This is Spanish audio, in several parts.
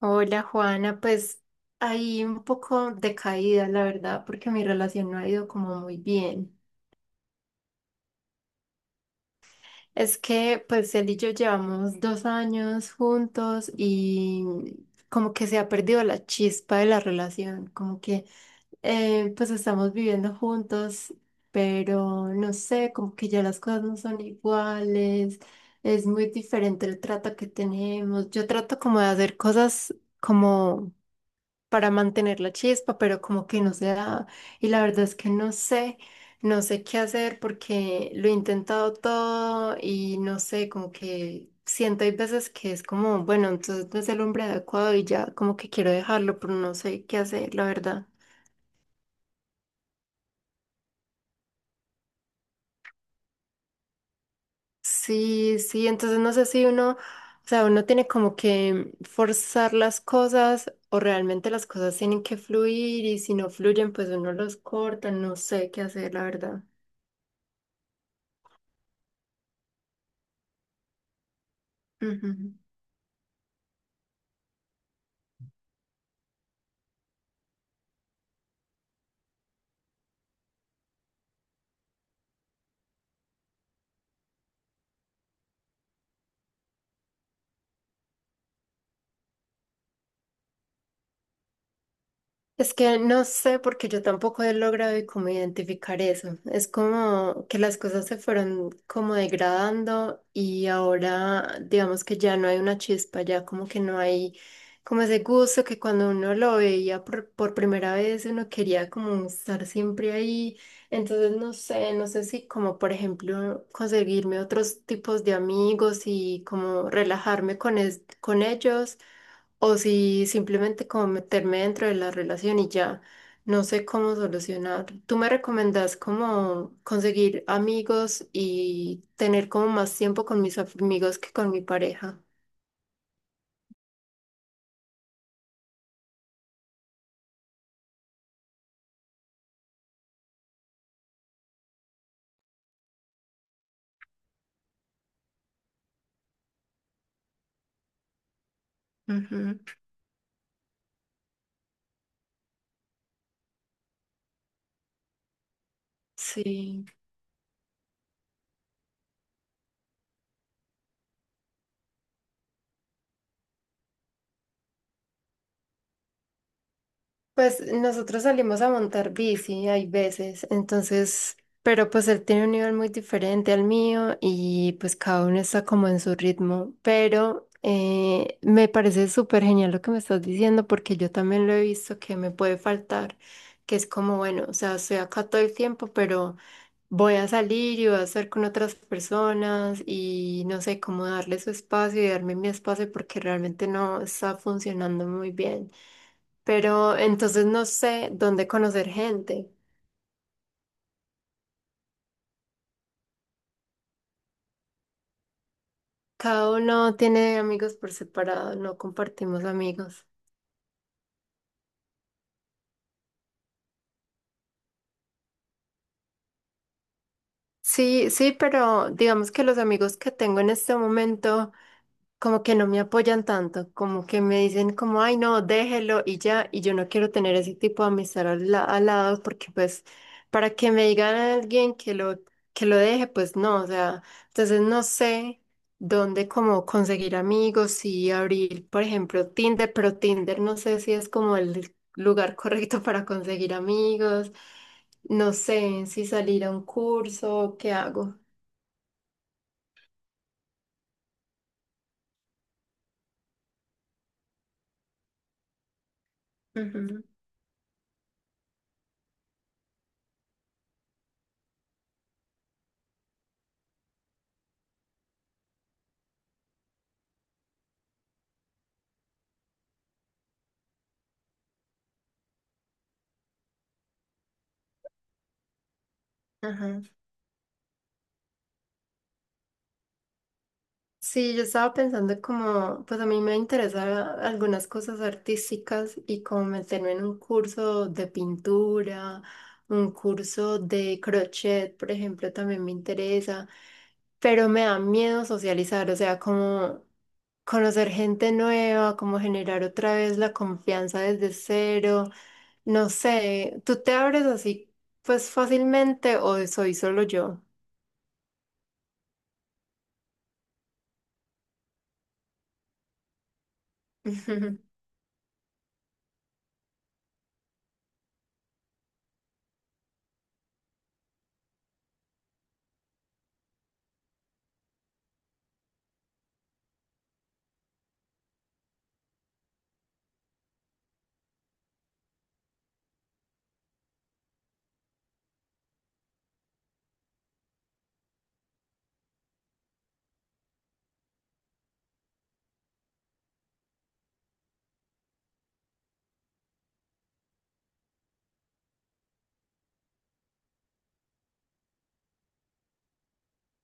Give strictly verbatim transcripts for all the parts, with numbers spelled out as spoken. Hola Juana, pues ahí un poco decaída, la verdad, porque mi relación no ha ido como muy bien. Es que pues él y yo llevamos dos años juntos y como que se ha perdido la chispa de la relación, como que eh, pues estamos viviendo juntos, pero no sé, como que ya las cosas no son iguales, es muy diferente el trato que tenemos. Yo trato como de hacer cosas como para mantener la chispa, pero como que no se da. Y la verdad es que no sé, no sé qué hacer porque lo he intentado todo y no sé, como que siento hay veces que es como, bueno, entonces no es el hombre adecuado y ya como que quiero dejarlo, pero no sé qué hacer, la verdad. Sí, sí, entonces no sé si uno, o sea, uno tiene como que forzar las cosas o realmente las cosas tienen que fluir y si no fluyen, pues uno los corta, no sé qué hacer, la verdad. Ujú. Es que no sé porque yo tampoco he logrado y como identificar eso. Es como que las cosas se fueron como degradando y ahora digamos que ya no hay una chispa, ya como que no hay como ese gusto que cuando uno lo veía por, por primera vez uno quería como estar siempre ahí. Entonces no sé, no sé si como por ejemplo conseguirme otros tipos de amigos y como relajarme con, es- con ellos o si simplemente como meterme dentro de la relación y ya no sé cómo solucionar. ¿Tú me recomendás cómo conseguir amigos y tener como más tiempo con mis amigos que con mi pareja? Ujú. Sí. Pues nosotros salimos a montar bici, hay veces, entonces, pero pues él tiene un nivel muy diferente al mío y pues cada uno está como en su ritmo, pero eh, me parece súper genial lo que me estás diciendo porque yo también lo he visto que me puede faltar, que es como, bueno, o sea, estoy acá todo el tiempo, pero voy a salir y voy a estar con otras personas y no sé cómo darle su espacio y darme mi espacio porque realmente no está funcionando muy bien. Pero entonces no sé dónde conocer gente. Cada uno tiene amigos por separado, no compartimos amigos. Sí, sí, pero digamos que los amigos que tengo en este momento como que no me apoyan tanto, como que me dicen como, ay, no, déjelo y ya, y yo no quiero tener ese tipo de amistad al, la- al lado porque pues para que me digan a alguien que lo, que lo deje, pues no, o sea, entonces no sé dónde como conseguir amigos y abrir, por ejemplo, Tinder, pero Tinder no sé si es como el lugar correcto para conseguir amigos. No sé si salir a un curso, ¿qué hago? Ujú. Ajá. Sí, yo estaba pensando como, pues a mí me interesan algunas cosas artísticas y como meterme en un curso de pintura, un curso de crochet, por ejemplo, también me interesa, pero me da miedo socializar, o sea, como conocer gente nueva, como generar otra vez la confianza desde cero. No sé, ¿tú te abres así pues fácilmente o soy solo yo?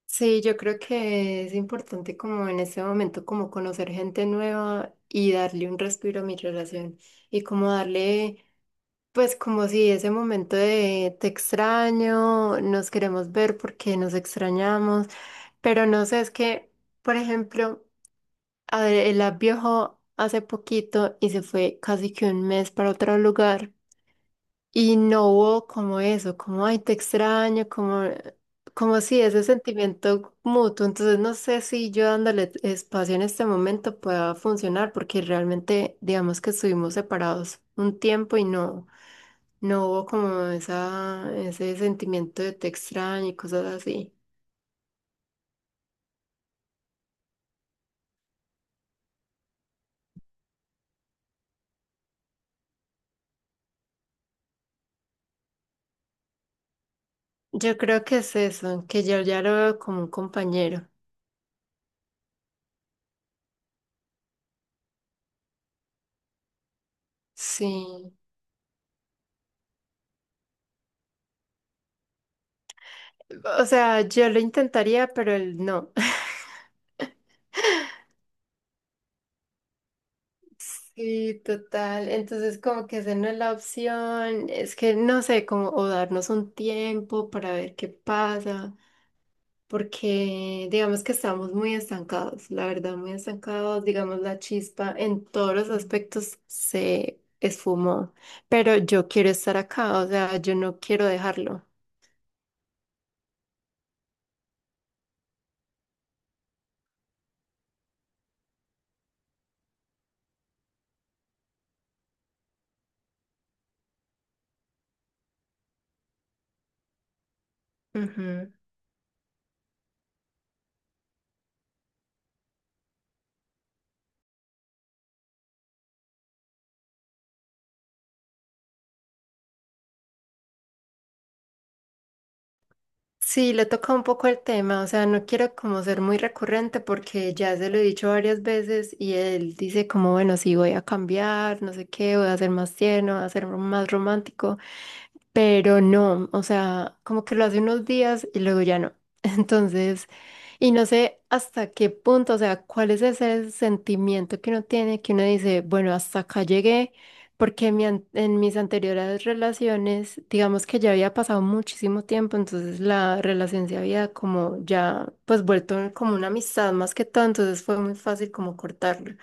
Sí, yo creo que es importante como en este momento como conocer gente nueva y darle un respiro a mi relación y como darle pues como si ese momento de te extraño, nos queremos ver porque nos extrañamos, pero no sé, es que por ejemplo, a ver, él viajó hace poquito y se fue casi que un mes para otro lugar. Y no hubo como eso, como, ay, te extraño, como, como si ese sentimiento mutuo. Entonces no sé si yo dándole espacio en este momento pueda funcionar, porque realmente, digamos que estuvimos separados un tiempo y no, no hubo como esa, ese sentimiento de te extraño y cosas así. Yo creo que es eso, que yo ya lo veo como un compañero. Sí. O sea, yo lo intentaría, pero él no. Sí, total. Entonces, como que esa no es la opción. Es que no sé, como o darnos un tiempo para ver qué pasa, porque digamos que estamos muy estancados, la verdad, muy estancados. Digamos, la chispa en todos los aspectos se esfumó, pero yo quiero estar acá, o sea, yo no quiero dejarlo. Sí, le toca un poco el tema, o sea, no quiero como ser muy recurrente porque ya se lo he dicho varias veces y él dice como, bueno, sí voy a cambiar, no sé qué, voy a ser más tierno, voy a ser más romántico pero no, o sea, como que lo hace unos días y luego ya no. Entonces, y no sé hasta qué punto, o sea, cuál es ese sentimiento que uno tiene, que uno dice, bueno, hasta acá llegué, porque en, mi an- en mis anteriores relaciones, digamos que ya había pasado muchísimo tiempo, entonces la relación se había como ya, pues vuelto como una amistad más que todo, entonces fue muy fácil como cortarlo.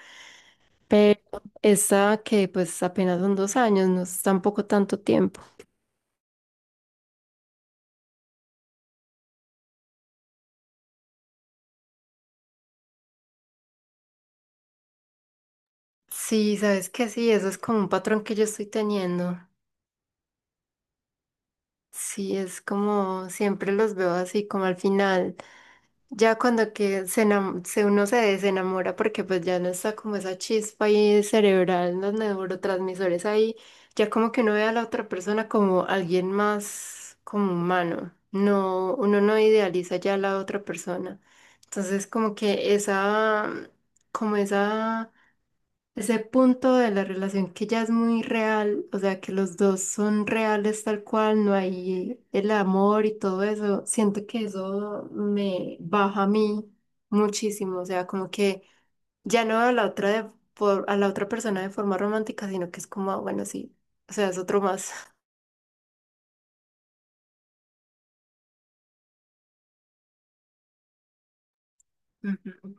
Pero esa que pues apenas son dos años, no es tampoco tanto tiempo. Sí, sabes que sí, eso es como un patrón que yo estoy teniendo. Sí, es como siempre los veo así, como al final, ya cuando que se enam- se- uno se desenamora porque pues ya no está como esa chispa ahí cerebral, los neurotransmisores ahí, ya como que uno ve a la otra persona como alguien más como humano. No, uno no idealiza ya a la otra persona. Entonces como que esa, como esa ese punto de la relación que ya es muy real, o sea, que los dos son reales tal cual, no hay el amor y todo eso, siento que eso me baja a mí muchísimo, o sea, como que ya no a la otra de, por, a la otra persona de forma romántica, sino que es como, ah, bueno, sí, o sea, es otro más. Ujú.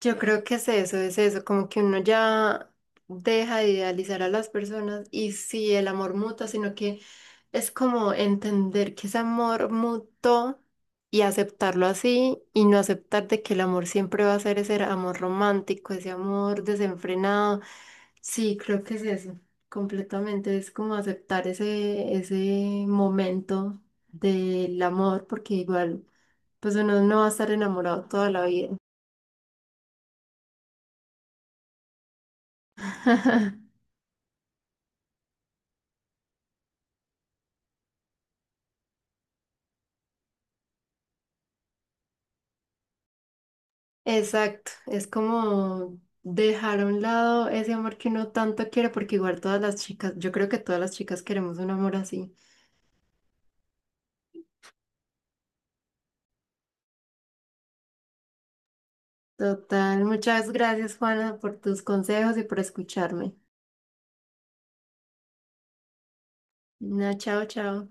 Yo creo que es eso, es eso, como que uno ya deja de idealizar a las personas y sí, el amor mutuo, sino que es como entender que ese amor mutuo y aceptarlo así y no aceptar de que el amor siempre va a ser ese amor romántico, ese amor desenfrenado. Sí, creo que es eso, completamente, es como aceptar ese, ese momento del amor, porque igual, pues uno no va a estar enamorado toda la vida. Exacto, es como dejar a un lado ese amor que uno tanto quiere, porque igual todas las chicas, yo creo que todas las chicas queremos un amor así. Total, muchas gracias Juana por tus consejos y por escucharme. Na, chao, chao.